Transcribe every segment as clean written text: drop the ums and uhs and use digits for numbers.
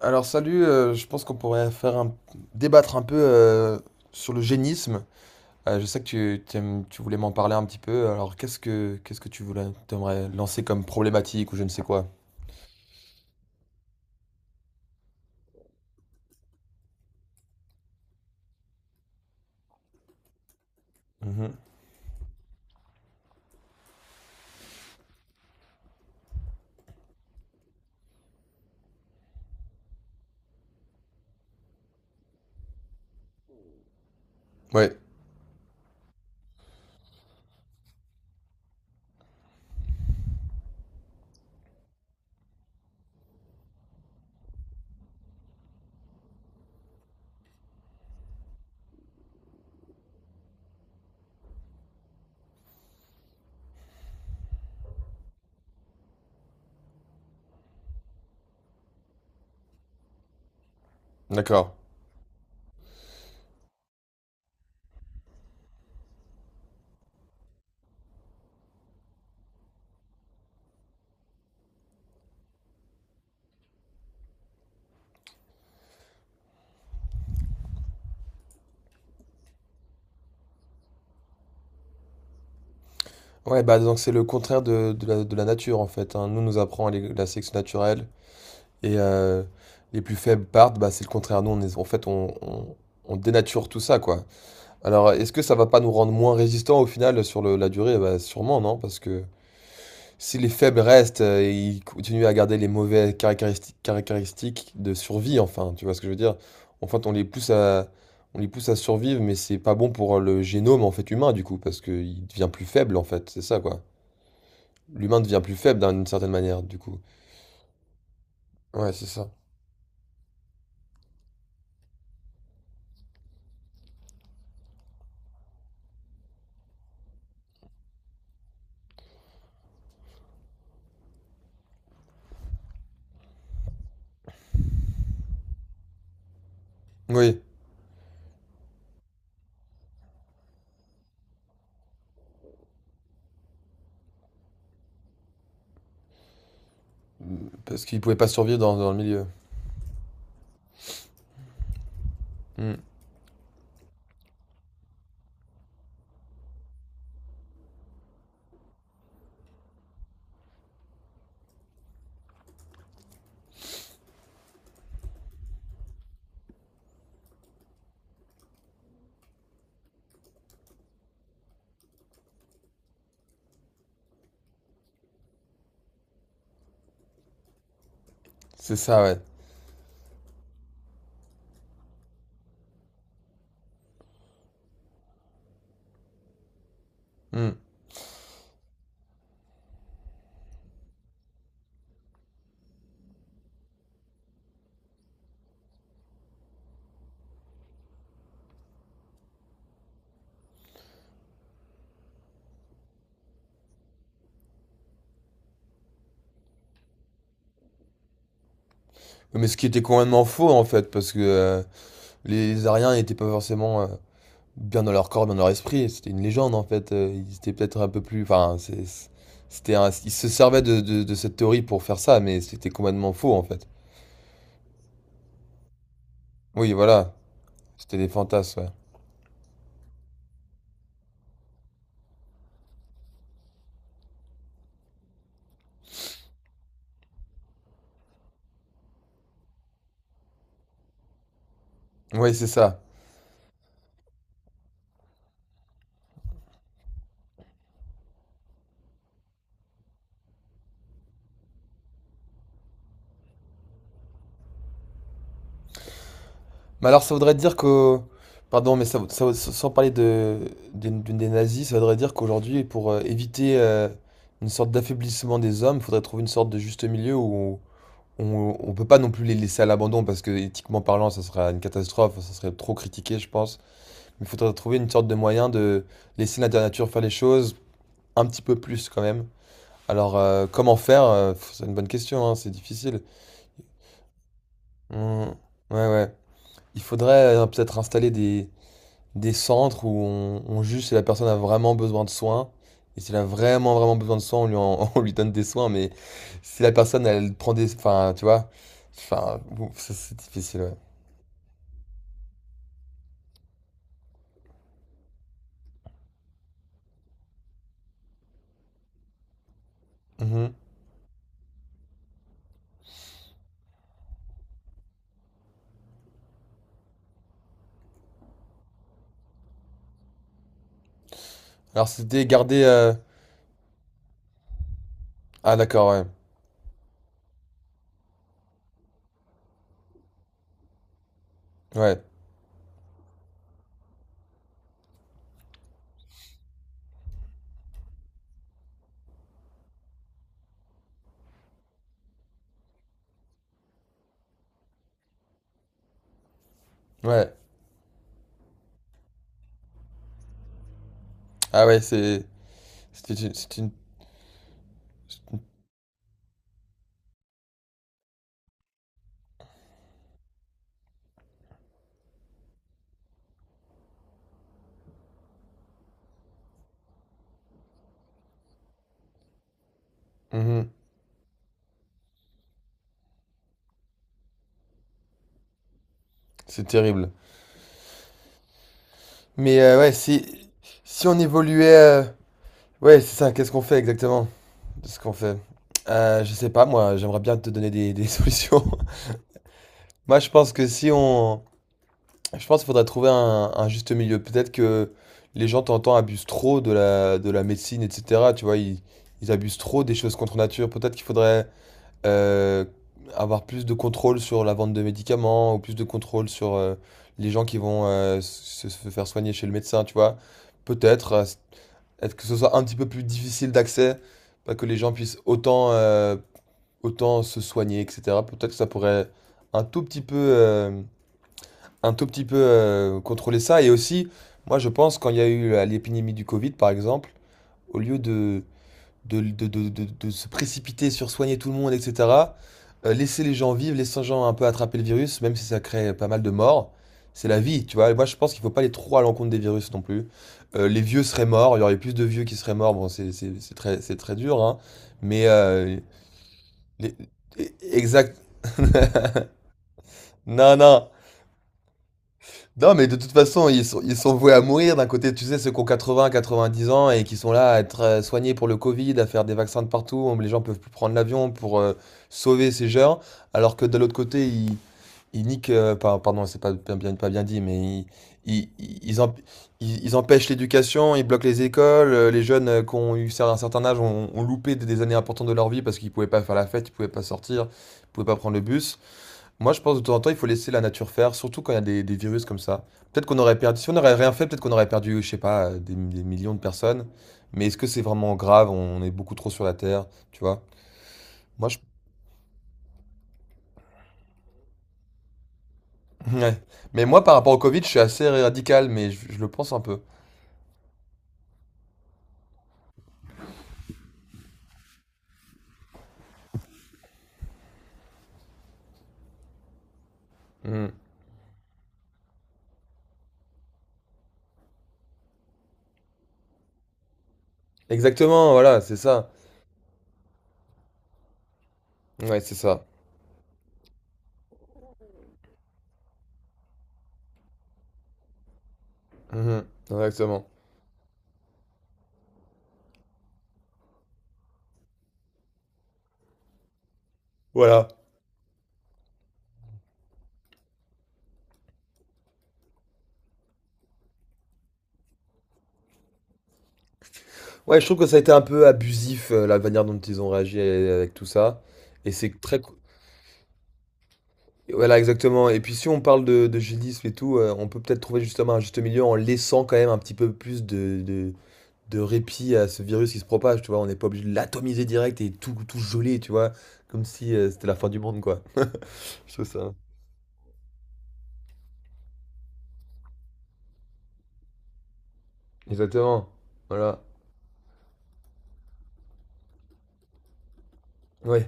Alors salut, je pense qu'on pourrait débattre un peu sur le génisme. Je sais que tu voulais m'en parler un petit peu. Alors qu'est-ce que t'aimerais lancer comme problématique ou je ne sais quoi? Mhm. Ouais, d'accord. Ouais, bah donc c'est le contraire de la nature en fait, hein. Nous, on nous apprend la sélection naturelle et les plus faibles partent, bah c'est le contraire. Nous, on est, en fait, on dénature tout ça quoi. Alors est-ce que ça va pas nous rendre moins résistants au final sur la durée? Bah sûrement non, parce que si les faibles restent, ils continuent à garder les mauvaises caractéristiques de survie, enfin, tu vois ce que je veux dire? En fait, on les pousse à, on les pousse à survivre, mais c'est pas bon pour le génome en fait humain du coup, parce qu'il devient plus faible en fait, c'est ça quoi. L'humain devient plus faible d'une certaine manière du coup. Ouais, c'est ça. Oui, parce qu'il pouvait pas survivre dans le milieu. Hmm. C'est ça, ouais. Hmm. Mais ce qui était complètement faux en fait, parce que les Ariens n'étaient pas forcément bien dans leur corps, bien dans leur esprit. C'était une légende en fait. Ils étaient peut-être un peu plus. Enfin, c'était ils se servaient de cette théorie pour faire ça, mais c'était complètement faux en fait. Oui, voilà. C'était des fantasmes, ouais. Oui, c'est ça. Mais alors, ça voudrait dire que. Pardon, mais sans parler des nazis, ça voudrait dire qu'aujourd'hui, pour éviter une sorte d'affaiblissement des hommes, il faudrait trouver une sorte de juste milieu où on ne peut pas non plus les laisser à l'abandon parce que éthiquement parlant, ça serait une catastrophe, ça serait trop critiqué, je pense. Il faudrait trouver une sorte de moyen de laisser la nature faire les choses un petit peu plus quand même. Alors, comment faire? C'est une bonne question, hein, c'est difficile. Hmm, ouais, ouais. Il faudrait peut-être installer des centres où on juge si la personne a vraiment besoin de soins. Et si elle a vraiment besoin de soins, on lui donne des soins. Mais si la personne, elle prend des... Enfin, tu vois. Enfin, bon, ça, c'est difficile, ouais. Mhm. Alors, c'était garder... Ah, d'accord, ouais. Ouais. Ouais. Ah, ouais, c'est... c'était une- c'est une- Mhm. C'est terrible. Mais ouais, si on évoluait... Ouais, c'est ça, qu'est-ce qu'on fait exactement de ce qu'on fait? Je sais pas, moi, j'aimerais bien te donner des solutions. Moi, je pense que si on... Je pense qu'il faudrait trouver un juste milieu. Peut-être que les gens, t'entends, abusent trop de la médecine, etc. Tu vois, ils abusent trop des choses contre nature. Peut-être qu'il faudrait euh, avoir plus de contrôle sur la vente de médicaments ou plus de contrôle sur les gens qui vont se faire soigner chez le médecin, tu vois. Peut-être être que ce soit un petit peu plus difficile d'accès, pas que les gens puissent autant se soigner, etc. Peut-être que ça pourrait un tout petit peu, euh, un tout petit peu contrôler ça. Et aussi, moi je pense quand il y a eu l'épidémie du Covid, par exemple, au lieu de se précipiter sur soigner tout le monde, etc. Laisser les gens vivre, laisser les gens un peu attraper le virus, même si ça crée pas mal de morts. C'est la vie, tu vois. Et moi, je pense qu'il ne faut pas aller trop à l'encontre des virus non plus. Les vieux seraient morts, il y aurait plus de vieux qui seraient morts. Bon, c'est très dur, hein. Mais les- exact. Non, non. Non, mais de toute façon, ils sont voués à mourir. D'un côté, tu sais, ceux qui ont 80, 90 ans et qui sont là à être soignés pour le Covid, à faire des vaccins de partout. Les gens peuvent plus prendre l'avion pour sauver ces gens. Alors que de l'autre côté, ils niquent, pardon, c'est pas bien, pas bien dit, mais ils emp- ils empêchent l'éducation, ils bloquent les écoles. Les jeunes qui ont eu un certain âge ont loupé des années importantes de leur vie parce qu'ils pouvaient pas faire la fête, ils pouvaient pas sortir, ils pouvaient pas prendre le bus. Moi, je pense que de temps en temps, il faut laisser la nature faire, surtout quand il y a des virus comme ça. Peut-être qu'on aurait perdu, si on n'aurait rien fait, peut-être qu'on aurait perdu, je sais pas, des millions de personnes. Mais est-ce que c'est vraiment grave? On est beaucoup trop sur la Terre, tu vois? Moi, je... Ouais. Mais moi, par rapport au Covid, je suis assez radical, mais je le pense un peu. Mm. Exactement, voilà, c'est ça. Ouais, c'est ça. Mhm. Exactement. Voilà. Ouais, je trouve que ça a été un peu abusif, la manière dont ils ont réagi avec tout ça. Et c'est très... Voilà, exactement. Et puis si on parle de gélisme et tout, on peut peut-être trouver justement un juste milieu en laissant quand même un petit peu plus de répit à ce virus qui se propage, tu vois. On n'est pas obligé de l'atomiser direct et tout, tout geler, tu vois. Comme si c'était la fin du monde, quoi. Je trouve ça. Exactement. Voilà. Oui,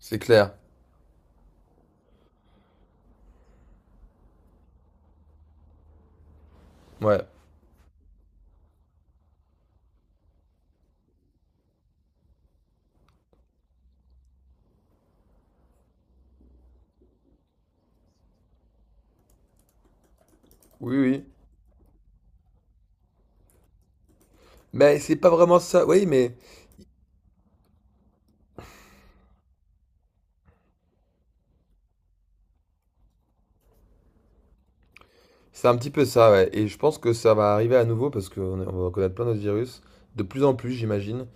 c'est clair. Ouais. Oui, oui. Mais c'est pas vraiment ça. Oui, mais c'est un petit peu ça, ouais. Et je pense que ça va arriver à nouveau parce qu'on va connaître plein d'autres virus. De plus en plus, j'imagine.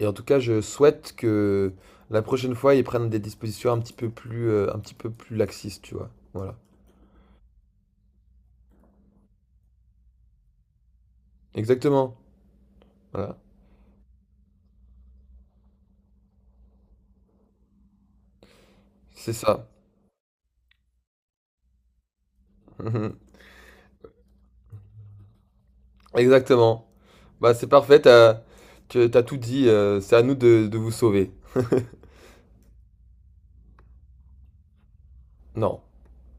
Et en tout cas, je souhaite que la prochaine fois, ils prennent des dispositions un petit peu plus, un petit peu plus laxistes, tu vois. Voilà. Exactement. Voilà. C'est ça. Mhm. Exactement. Bah, c'est parfait, tu as tout dit. C'est à nous de vous sauver. Non.